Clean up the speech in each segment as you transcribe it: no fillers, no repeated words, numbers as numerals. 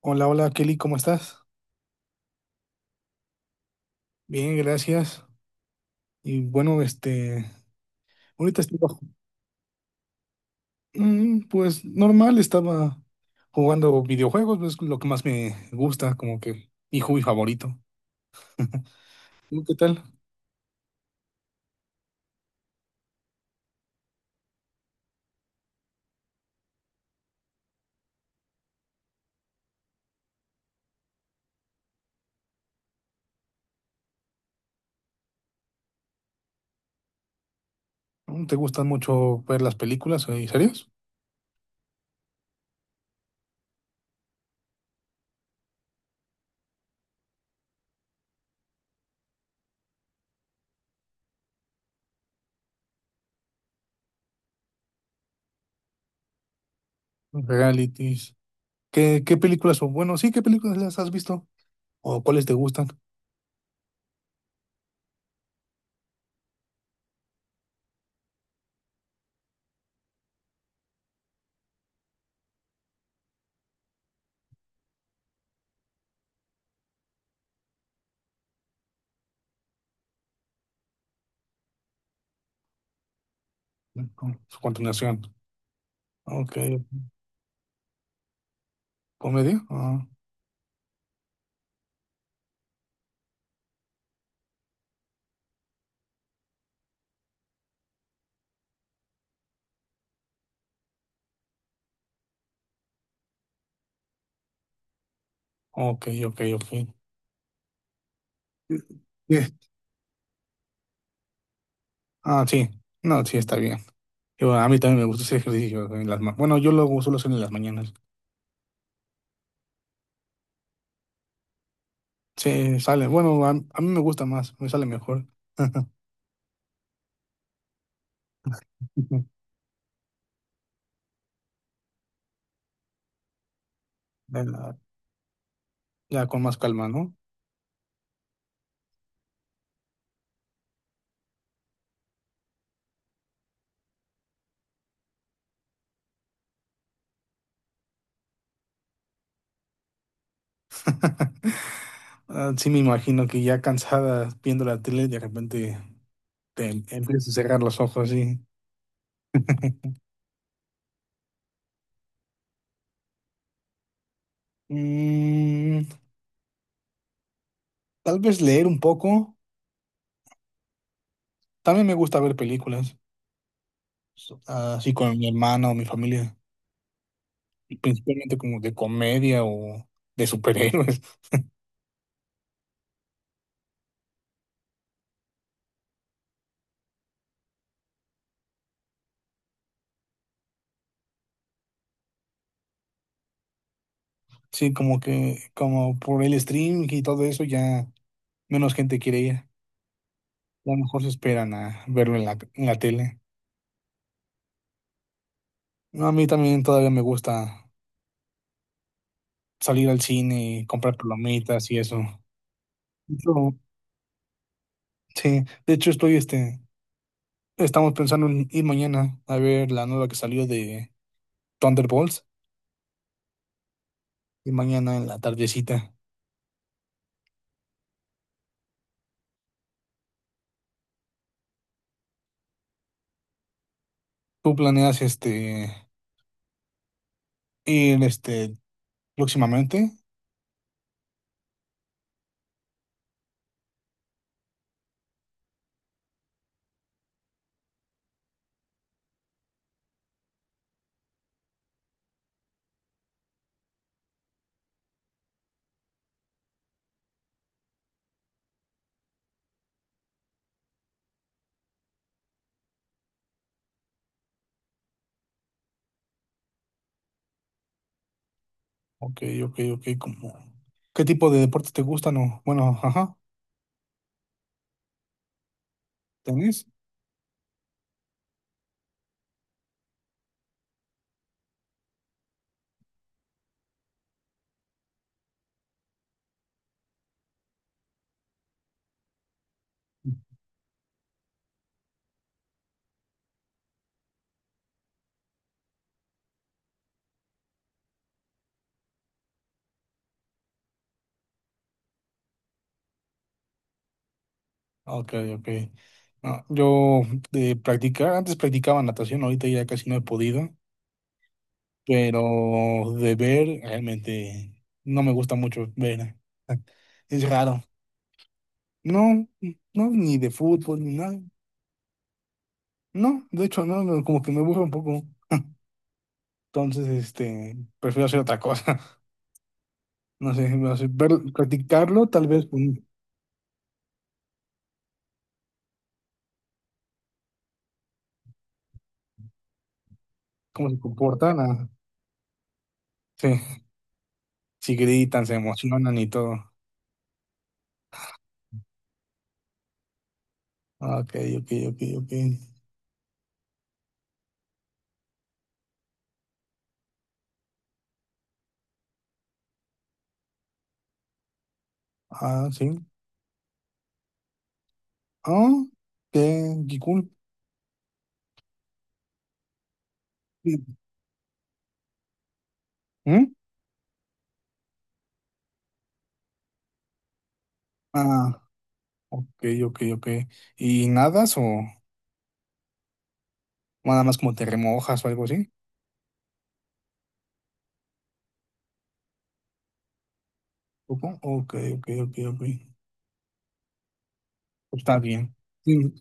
Hola, hola Kelly, ¿cómo estás? Bien, gracias. Y bueno, ahorita estoy bajo. Pues normal, estaba jugando videojuegos, es lo que más me gusta, como que mi hobby favorito. ¿Tú qué tal? ¿Te gustan mucho ver las películas y series? Realities. ¿Qué películas son? Bueno, sí, ¿qué películas las has visto? ¿O cuáles te gustan? Con su continuación. Ok. ¿Comedia? Ah, ok, ok, ok. Eh, Ah, sí. No, sí, está bien. Yo, a mí también me gusta ese ejercicio. En las bueno, yo lo suelo hacer en las mañanas. Sí, sale. Bueno, a mí me gusta más, me sale mejor. Ya, ya con más calma, ¿no? Ah, sí, me imagino que ya cansada viendo la tele, de repente te empiezas a cerrar los ojos y... Mm, tal vez leer un poco. También me gusta ver películas, así con mi hermana o mi familia, y principalmente como de comedia o de superhéroes. Sí, como que, como por el stream y todo eso, ya menos gente quiere ir. A lo mejor se esperan a verlo en en la tele. No, a mí también todavía me gusta salir al cine y comprar palomitas y eso. De hecho, sí, de hecho estoy, estamos pensando en ir mañana a ver la nueva que salió de Thunderbolts y mañana en la tardecita. ¿Tú planeas, este, ir, este, próximamente? Ok, ok, ok, como... ¿Qué tipo de deportes te gustan o, bueno, ajá? ¿Tenis? Ah, ok, ok. No, yo de practicar, antes practicaba natación, ahorita ya casi no he podido, pero de ver realmente no me gusta mucho ver. Es raro. No, no, ni de fútbol, ni nada. No, de hecho, no, no, como que me aburre un poco. Entonces, este, prefiero hacer otra cosa. No sé, no sé, ver, practicarlo, tal vez, cómo se comportan. Ah, sí, si gritan, se emocionan y todo. Ah, ok, ok, ok, ok. Ah, sí. Ah, qué, qué cool. ¿Mm? Ah, ok, ok, ok. ¿Y nadas o nada más como te remojas o algo así? Supongo. Ok, ok, ok, ok. Pues está bien. Sí,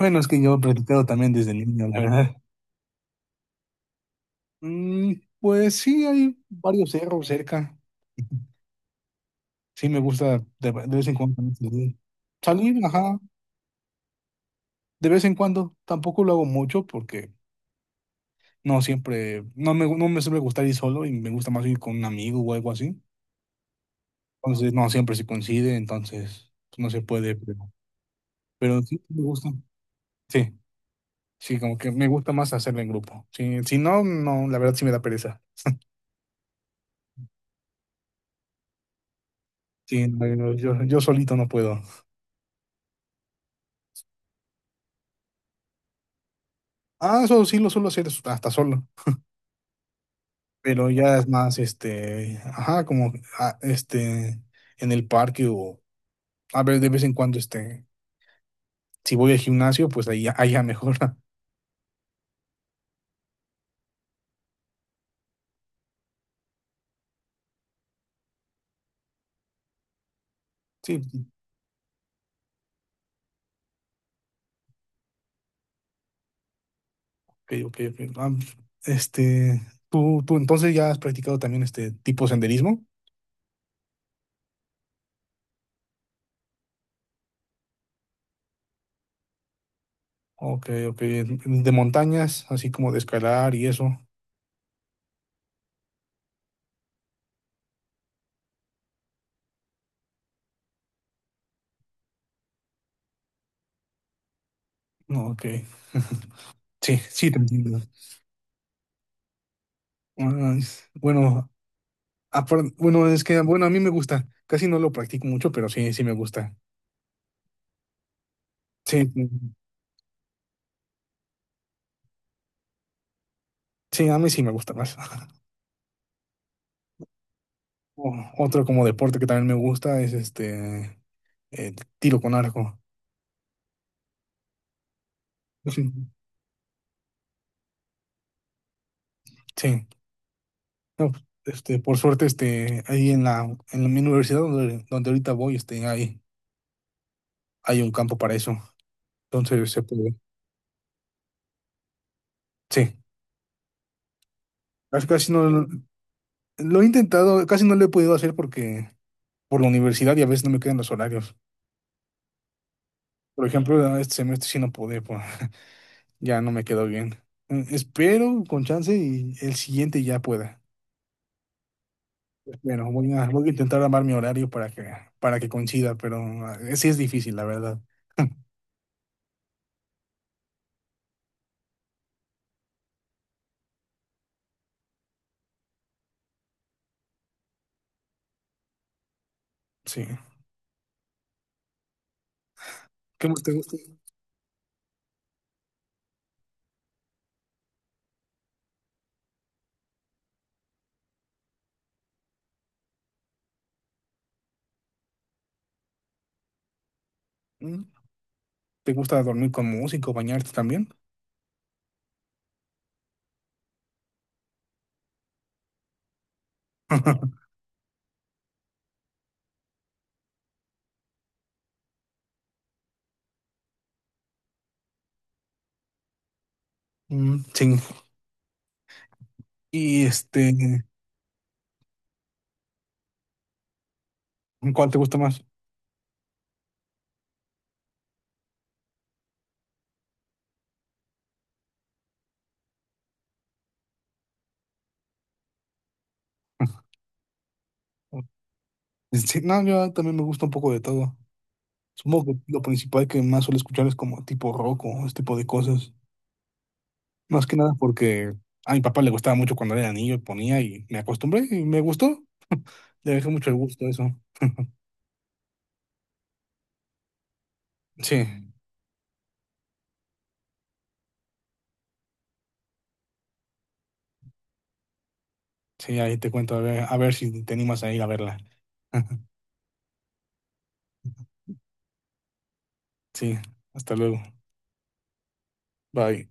bueno, es que yo he practicado también desde niño, la verdad. Mm, pues sí, hay varios cerros cerca. Sí, me gusta de vez en cuando también salir. Salir, ajá, de vez en cuando. Tampoco lo hago mucho porque no siempre, no me, no me suele gustar ir solo y me gusta más ir con un amigo o algo así. Entonces, no siempre se coincide, entonces no se puede, pero sí me gusta. Sí, sí, como que me gusta más hacerlo en grupo. Sí, si no, no, la verdad sí me da pereza. Sí, no, yo, yo solito no puedo. Ah, eso sí lo suelo hacer hasta solo, pero ya es más, este, ajá, como, ah, este, en el parque o, a ver, de vez en cuando, este, si voy al gimnasio, pues ahí, ahí ya mejora. Sí, ok, ok, ok. Ah, este, tú entonces ya has practicado también este tipo senderismo. Ok, ok. De montañas, así como de escalar y eso. No, ok. Sí, sí, te entiendo. Ah, bueno, bueno, es que, bueno, a mí me gusta. Casi no lo practico mucho, pero sí, sí me gusta. Sí, sí, a mí sí me gusta más. Otro como deporte que también me gusta es este, el tiro con arco. Sí, sí. No, pues, este, por suerte, este, ahí en la, en mi universidad donde, donde ahorita voy, este, hay un campo para eso. Entonces se puede. Sí. Casi casi no lo he intentado, casi no lo he podido hacer porque por la universidad y a veces no me quedan los horarios. Por ejemplo, este semestre sí no pude, pues, ya no me quedó bien. Espero con chance y el siguiente ya pueda. Bueno, voy a, voy a intentar armar mi horario para que coincida, pero sí es difícil, la verdad. Sí. ¿Qué más te gusta? ¿Mm? ¿Te gusta dormir con música o bañarte también? Mm, sí. Y este, ¿cuál te gusta más? Sí, no, yo también me gusta un poco de todo. Supongo que lo principal que más suelo escuchar es como tipo rock o ese tipo de cosas. Más que nada porque a mi papá le gustaba mucho cuando era niño y ponía y me acostumbré y me gustó. Le dejé mucho el gusto a eso. Sí, sí, ahí te cuento a ver si te animas a ir a verla. Sí, hasta luego. Bye.